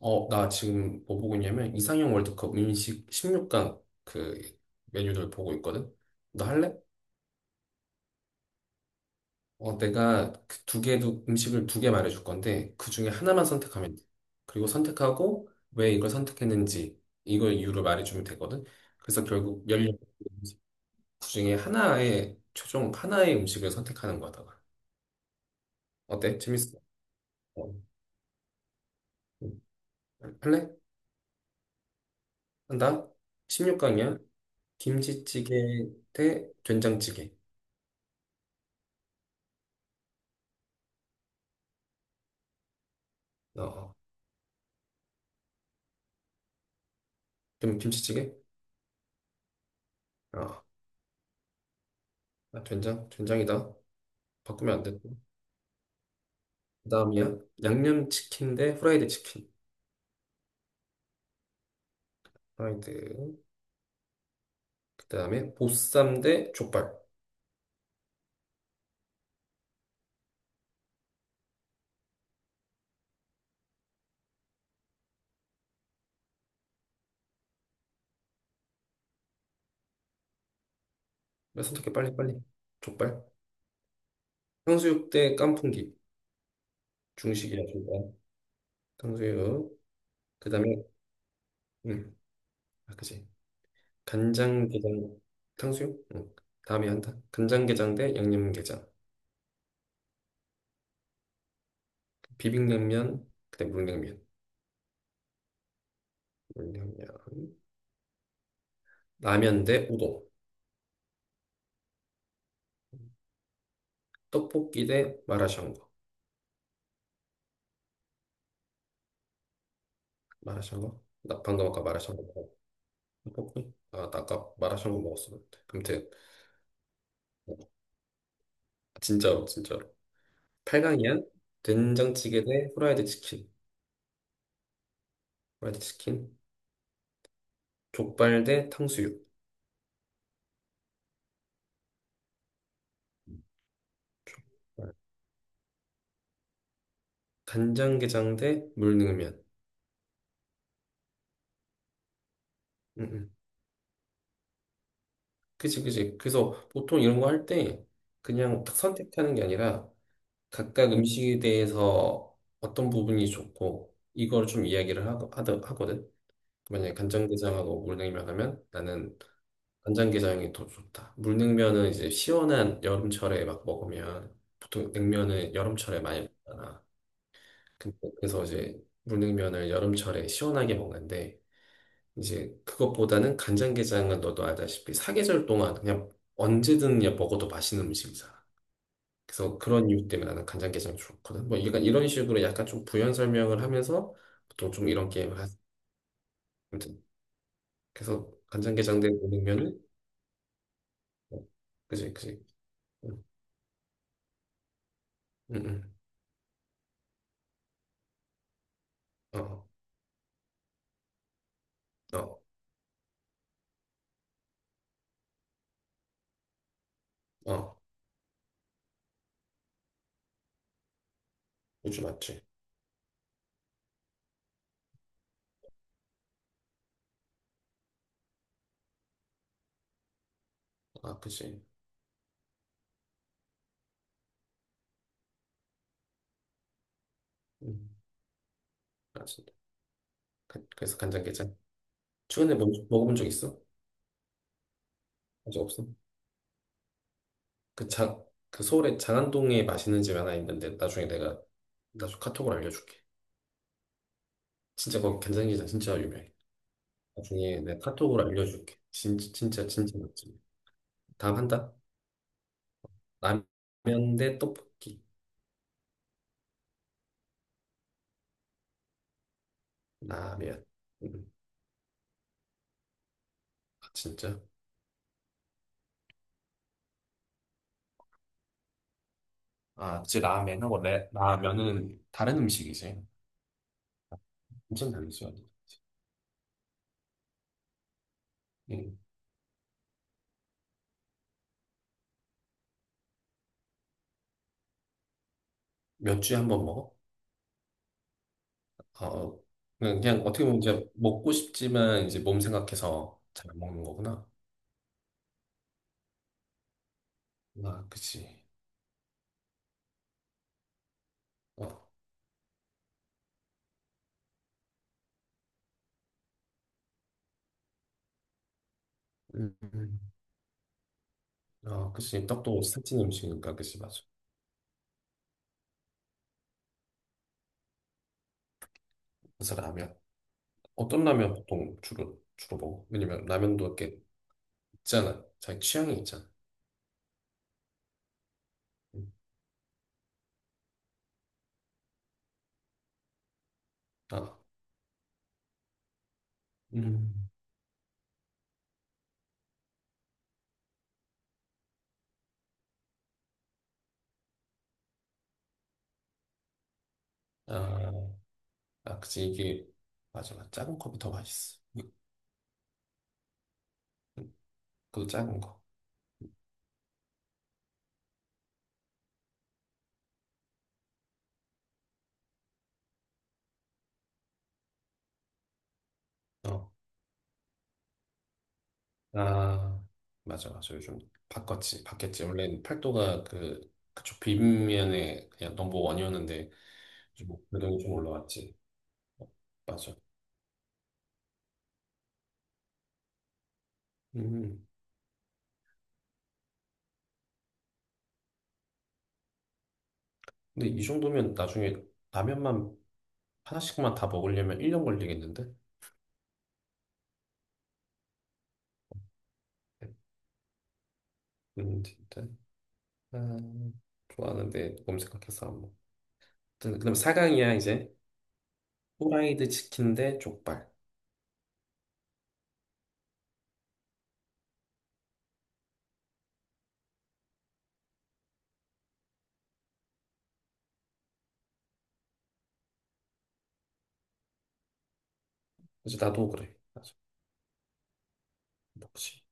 어, 나 지금 뭐 보고 있냐면 이상형 월드컵 음식 16강 그 메뉴들 보고 있거든. 너 할래? 어, 내가 그 두 개도 음식을 두 개 말해줄 건데 그 중에 하나만 선택하면 돼. 그리고 선택하고 왜 이걸 선택했는지 이걸 이유를 말해주면 되거든. 그래서 결국 16개 음식 그 중에 하나의 최종 하나의 음식을 선택하는 거다가 어때? 재밌어? 어, 응. 할래? 한다. 16강이야. 김치찌개 대 된장찌개. 어. 어. 김치찌개? 아, 아, 된장? 된장이다. 바꾸면 안 되고. 그 다음이야. 양념치킨 대 후라이드 치킨. 후라이드. 그 다음에 보쌈 대 족발. 왜 선택해? 빨리, 빨리. 족발. 탕수육 대 깐풍기. 중식이야, 중간. 탕수육. 그 다음에, 음, 아, 그지. 간장게장. 탕수육? 응. 다음에 한다. 간장게장 대 양념게장. 비빔냉면, 그 다음에 물냉면. 물냉면. 라면 대 우동. 떡볶이 대 마라샹궈. 마라샹궈? 나 방금 아까 마라샹궈 먹었- 먹었 아, 나 아까 마라샹궈 먹었었는데 아무튼 진짜로 진짜로 8강이야? 된장찌개 대 후라이드 치킨. 후라이드 치킨. 족발 대 탕수육. 족발. 간장게장 대 물냉면. 응, 응. 그치 그치, 그래서 보통 이런 거 할 때 그냥 딱 선택하는 게 아니라 각각 음식에 대해서 어떤 부분이 좋고 이걸 좀 이야기를 하거든. 만약에 간장게장하고 물냉면 하면 나는 간장게장이 더 좋다. 물냉면은 이제 시원한 여름철에 막 먹으면, 보통 냉면은 여름철에 많이 먹잖아. 근데 그래서 이제 물냉면을 여름철에 시원하게 먹는데, 이제 그것보다는 간장게장은 너도 알다시피 사계절 동안 그냥 언제든 그냥 먹어도 맛있는 음식이잖아. 그래서 그런 이유 때문에 나는 간장게장 좋거든. 뭐 약간 이런 식으로 약간 좀 부연 설명을 하면서 보통 좀 이런 게임을 하거든. 그래서 간장게장 된 물냉면을. 어, 그지 그지. 응. 응. 응. 어. 어. 어, 어, 우주 맞지? 아, 그치. 음, 맞습니다. 그래서 간장게장. 최근에 뭐, 먹어본 적 있어? 아직 없어? 그 장, 그 서울에 장안동에 맛있는 집 하나 있는데 나중에 내가 나중에 카톡으로 알려줄게. 진짜 거기 간장게장 진짜 유명해. 나중에 내가 카톡으로 알려줄게. 진짜 진짜 진짜 맛집. 다음 한다. 라면 대 떡볶이. 라면. 음, 아, 진짜? 아, 그치, 라면하고 레, 라면은 다른 음식이지. 엄청 다르지. 음. 몇 주에 한 번 먹어? 어, 그냥, 그냥 어떻게 보면 이제 먹고 싶지만 이제 몸 생각해서 잘 안 먹는 거구나. 아, 그치. 어, 음, 음. 아, 그치. 떡도 살찐 음식이니까, 그치, 맞아. 그래서 라면. 어떤 라면 보통 주로 먹어? 왜냐면 라면도 이렇게 있잖아. 자기 취향이 있잖아. 음. 아, 음. 아, 아, 그치. 이게, 맞아. 맞아. 작은 컵이 더 맛있어. 그것도 작은 거. 어. 아, 맞아, 맞아. 요즘 바꿨지, 바뀌었지. 원래는 팔도가 그쪽 빗면에 그냥 넘버원이었는데, 좀 그래도 좀 올라왔지. 어, 맞아. 음. 근데 이 정도면 나중에 라면만 하나씩만 다 먹으려면 1년 걸리겠는데? 진짜. 아, 좋아하는데 검색학해서 안 먹. 그다음 사강이야 이제. 후라이드 치킨 대 족발. 그치 나도 그래. 맞아. 먹지.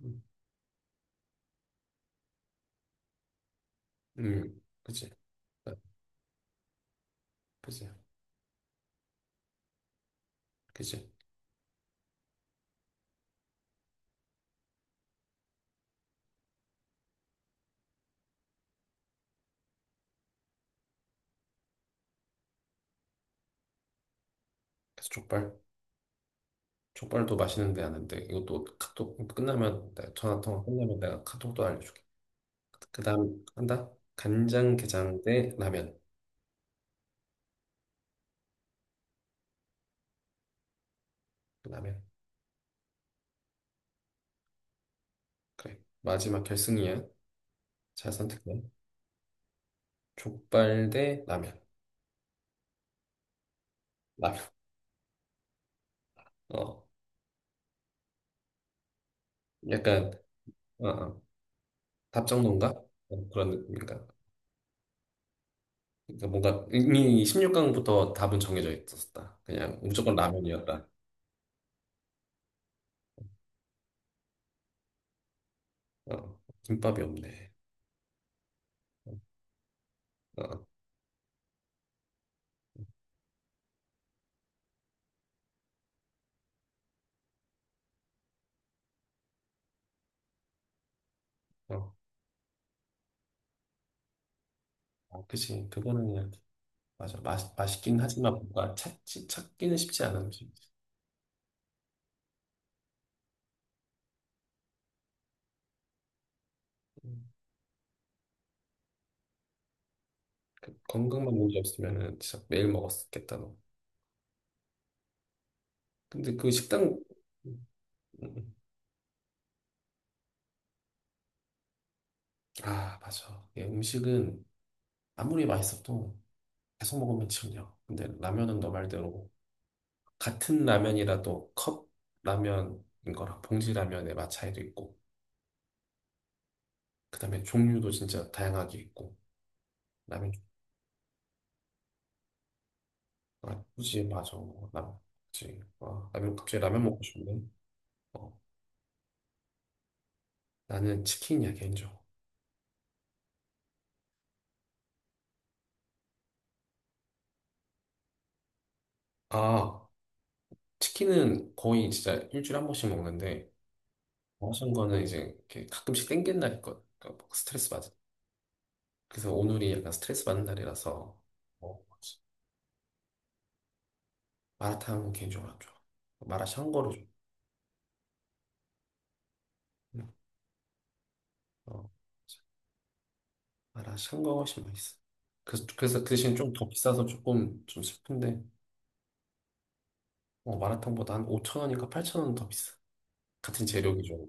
음, 그치. 아, 그치. 그치. 그래서 족발. 족발도 맛있는데 아는데 이것도 카톡 끝나면 내 전화 통화 끝나면 내가 카톡도 알려줄게. 그다음 한다. 간장 게장 대 라면. 라면. 그래. 마지막 결승이야. 잘 선택해. 족발 대 라면. 라면. 어. 약간 어, 어. 답정론가? 어, 그런 느낌인가? 그러니까 뭔가 이미 16강부터 답은 정해져 있었다. 그냥 무조건 라면이었다. 어. 김밥이 없네. 어. 어. 아, 그치. 그거는 그냥 맞아. 맛, 맛있긴 하지만 뭔가 찾기, 찾기는 쉽지 않은 음식. 음, 그 건강만 문제 없으면은 진짜 매일 먹었겠다, 너. 근데 그 식당, 음, 음. 아, 맞아. 이게 음식은 아무리 맛있어도 계속 먹으면 질려. 근데 라면은 너 말대로 같은 라면이라도 컵 라면인 거랑 봉지 라면의 맛 차이도 있고, 그 다음에 종류도 진짜 다양하게 있고, 라면, 아, 굳이, 맞아. 라면, 그치. 아, 라면, 갑자기 라면 먹고 싶네. 어, 나는 치킨이야, 개인적으로. 아, 치킨은 거의 진짜 일주일에 한 번씩 먹는데, 먹은 거는 이제 이렇게 가끔씩 땡기는 날이 있거든. 그러니까 막 스트레스 받아. 그래서 오늘이 약간 스트레스 받는 날이라서, 뭐, 뭐지? 마라탕 개인적으로 안 좋아. 마라샹궈를 좀. 음, 어, 마라샹궈가 훨씬 맛있어. 그래서, 그래서 그 대신 좀 더 비싸서 조금 좀 슬픈데, 어, 마라탕보다 한 5천 원인가 8천 원 더 비싸. 같은 재료기죠.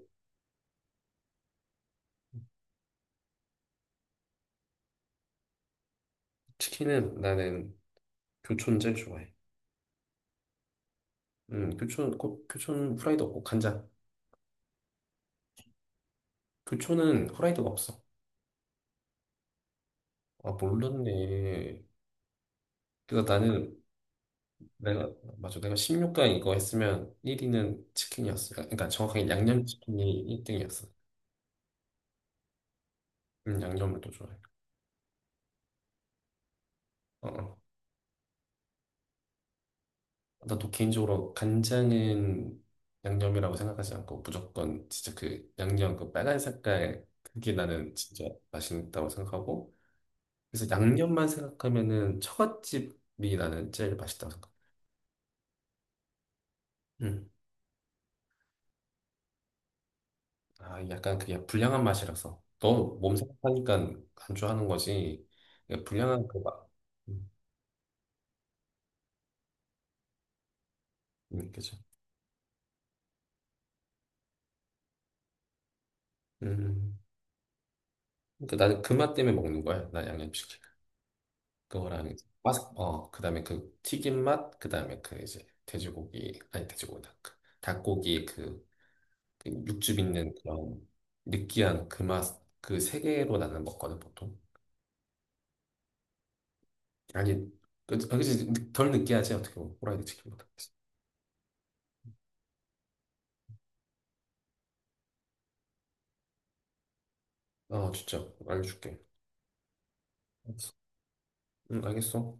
치킨은 나는 교촌 제일 좋아해. 교촌, 교촌 후라이드 없고 간장. 교촌은 후라이드가 없어. 아, 몰랐네. 그래서 나는 내가 맞아. 내가 16강 이거 했으면 1위는 치킨이었어. 그러니까 그러니까 정확하게 양념치킨이 1등이었어. 양념을 또 좋아해. 어, 어. 나도 개인적으로 간장은 양념이라고 생각하지 않고 무조건 진짜 그 양념 그 빨간 색깔 그게 나는 진짜 맛있다고 생각하고, 그래서 양념만 생각하면은 처갓집이 나는 제일 맛있다고 생각해. 음. 아, 약간 그게 불량한 맛이라서. 너몸각하니까 안주하는 거지. 그러니까 불량한 그 맛. 음, 그죠. 음. 그러니까 나는 그 맛 때문에 먹는 거야. 나 양념치킨. 그거랑 이제 바삭, 그 다음에 그 튀김 맛, 그 다음에 그 이제 돼지고기, 아니 돼지고기, 닭, 그 닭고기 그, 그 육즙 있는 그런 느끼한 그 맛, 그 세 개로 나는 먹거든, 보통. 아니, 그, 그지, 덜 느끼하지, 어떻게 보면. 후라이드 치킨보다. 어, 진짜. 알려줄게. 알겠어. 응, 알겠어.